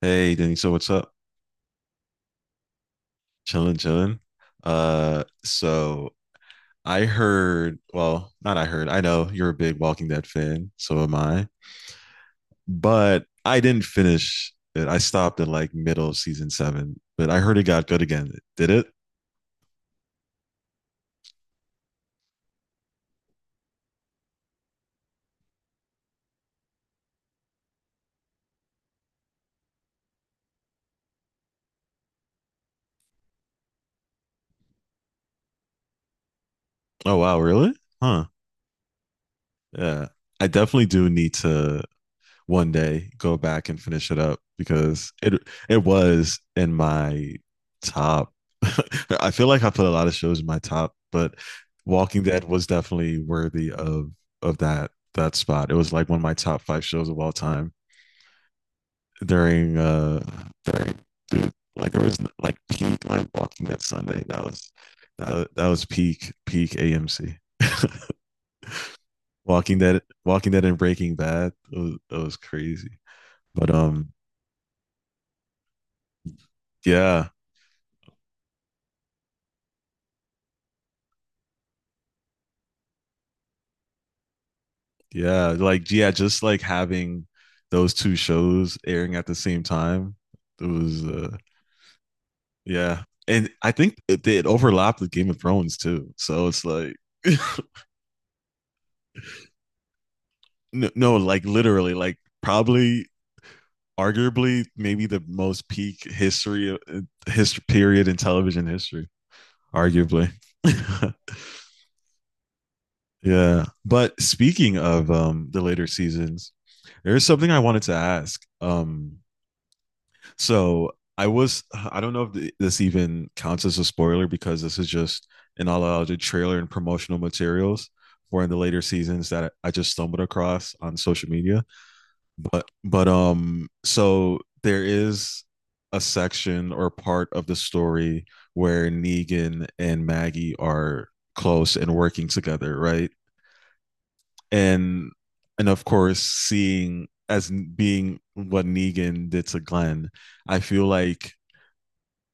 Hey, Danny. So what's up? Chilling, chilling. So I heard, well, not I heard, I know you're a big Walking Dead fan, so am I. But I didn't finish it. I stopped at like middle of season seven, but I heard it got good again. Did it? Oh wow, really? Huh. Yeah. I definitely do need to one day go back and finish it up because it was in my top. I feel like I put a lot of shows in my top, but Walking Dead was definitely worthy of that spot. It was like one of my top five shows of all time during during dude, like there was like peak like Walking Dead Sunday. That was that was peak AMC. Walking Dead and Breaking Bad. It was crazy. But yeah, yeah, like yeah, just like having those two shows airing at the same time. It was yeah. And I think it overlapped with Game of Thrones too. So it's like no, no, like literally like probably arguably maybe the most peak history period in television history, arguably. Yeah. But speaking of the later seasons, there is something I wanted to ask. So I was, I don't know if this even counts as a spoiler because this is just an all unallocated trailer and promotional materials for in the later seasons that I just stumbled across on social media. So there is a section or part of the story where Negan and Maggie are close and working together, right? And, and of course, seeing as being what Negan did to Glenn, I feel like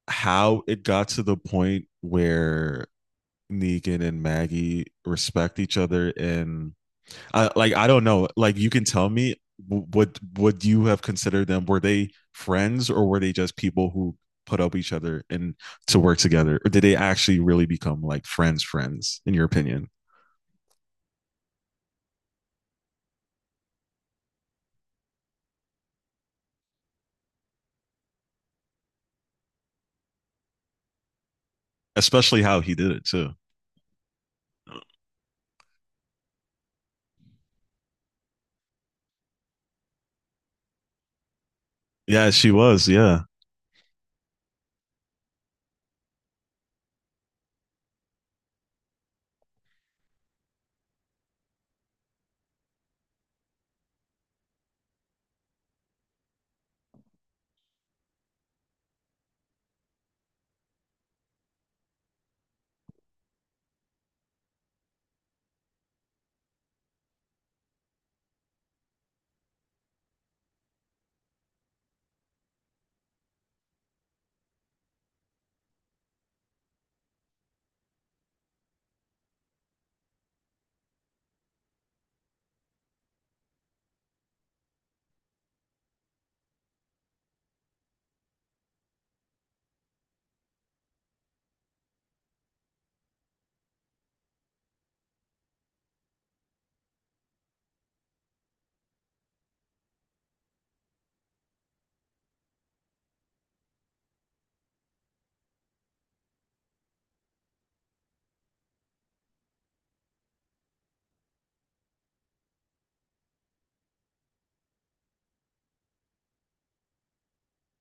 how it got to the point where Negan and Maggie respect each other and I, like I don't know. Like you can tell me would you have considered them? Were they friends or were they just people who put up each other and to work together, or did they actually really become like friends? Friends, in your opinion? Especially how he did it too. Yeah, she was. Yeah.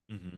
Mhm.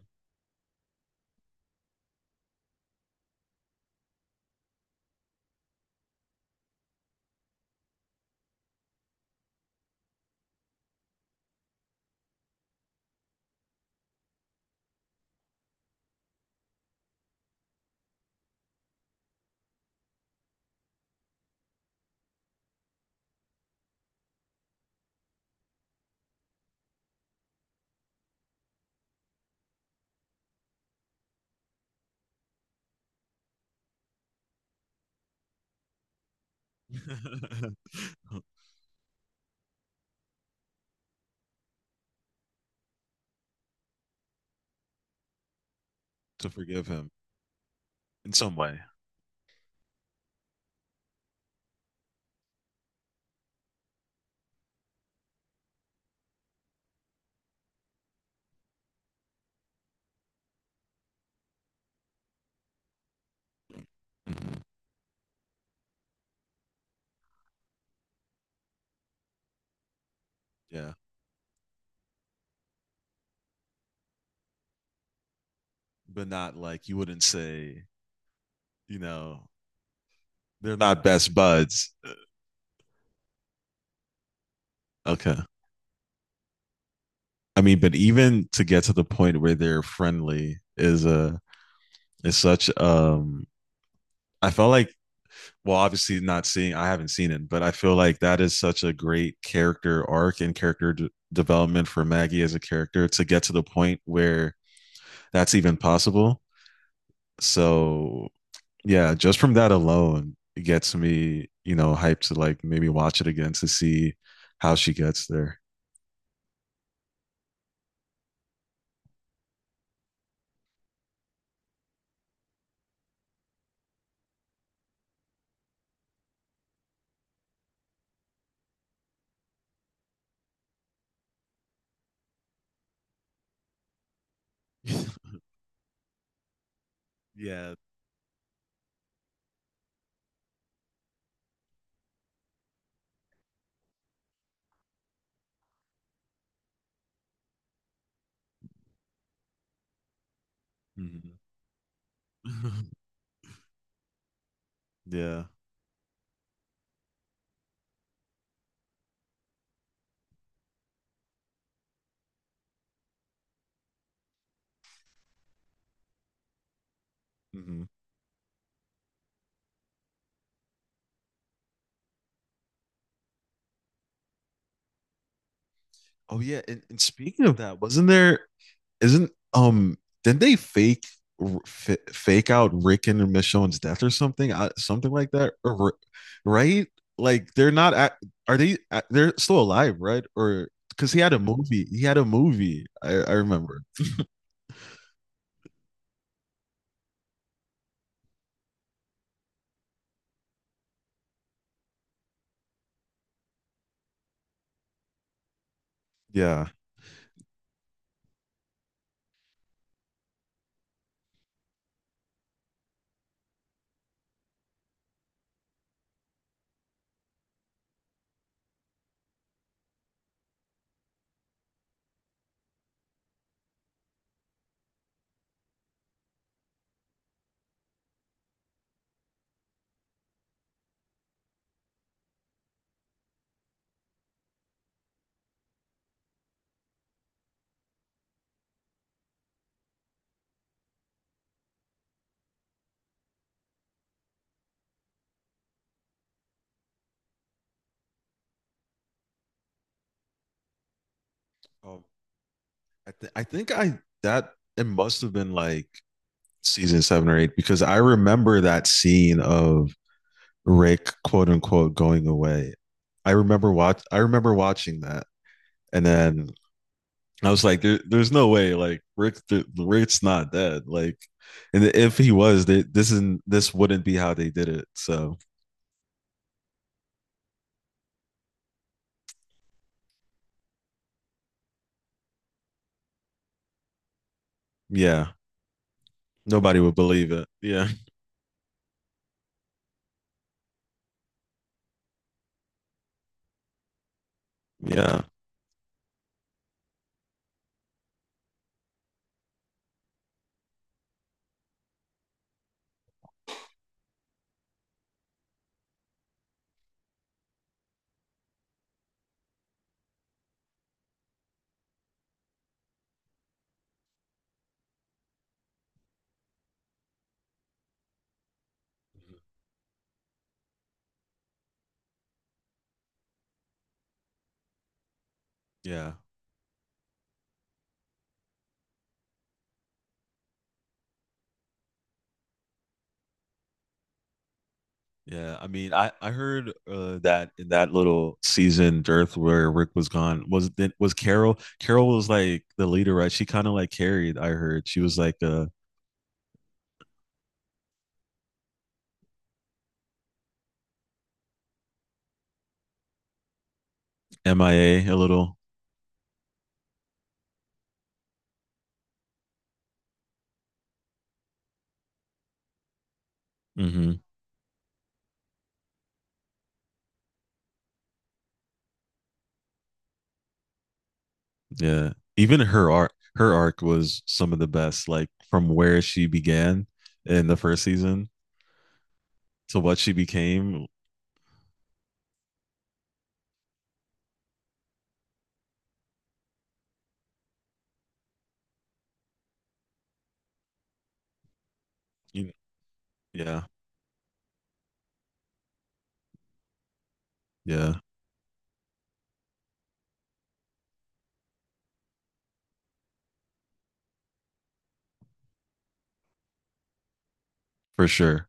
To forgive him in some way. Mm-hmm. Yeah, but not like you wouldn't say, you know, they're not best buds. Okay. I mean, but even to get to the point where they're friendly is a is such I felt like well obviously not seeing I haven't seen it, but I feel like that is such a great character arc and character development for Maggie as a character to get to the point where that's even possible. So yeah, just from that alone, it gets me, you know, hyped to like maybe watch it again to see how she gets there. Yeah. Mhm. Yeah. Hmm. Oh yeah, and speaking of that, wasn't there isn't didn't they fake fake out Rick and Michonne's death or something I, something like that or, right like they're not at? They're still alive right or because he had a movie I remember yeah. um, I, I think I that it must have been like season seven or eight because I remember that scene of Rick quote unquote going away I remember watch I remember watching that and then I was like, there, there's no way, like Rick, the, Rick's not dead. Like, and if he was, they, this isn't, this wouldn't be how they did it. So yeah, nobody would believe it. Yeah, yeah, yeah, yeah. I mean, I heard that in that little season dearth where Rick was gone was Carol. Carol was like the leader, right? She kind of like carried. I heard she was like MIA a little. Mm-hmm. Yeah. Even her arc was some of the best, like from where she began in the first season to what she became. You- Yeah, yeah, for sure.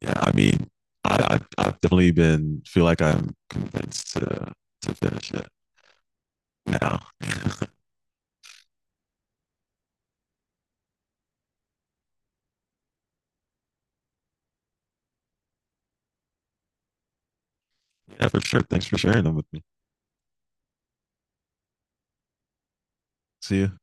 Yeah, I mean, I've definitely been feel like I'm convinced to finish it now. Yeah, for sure. Thanks for sharing them with me. See you.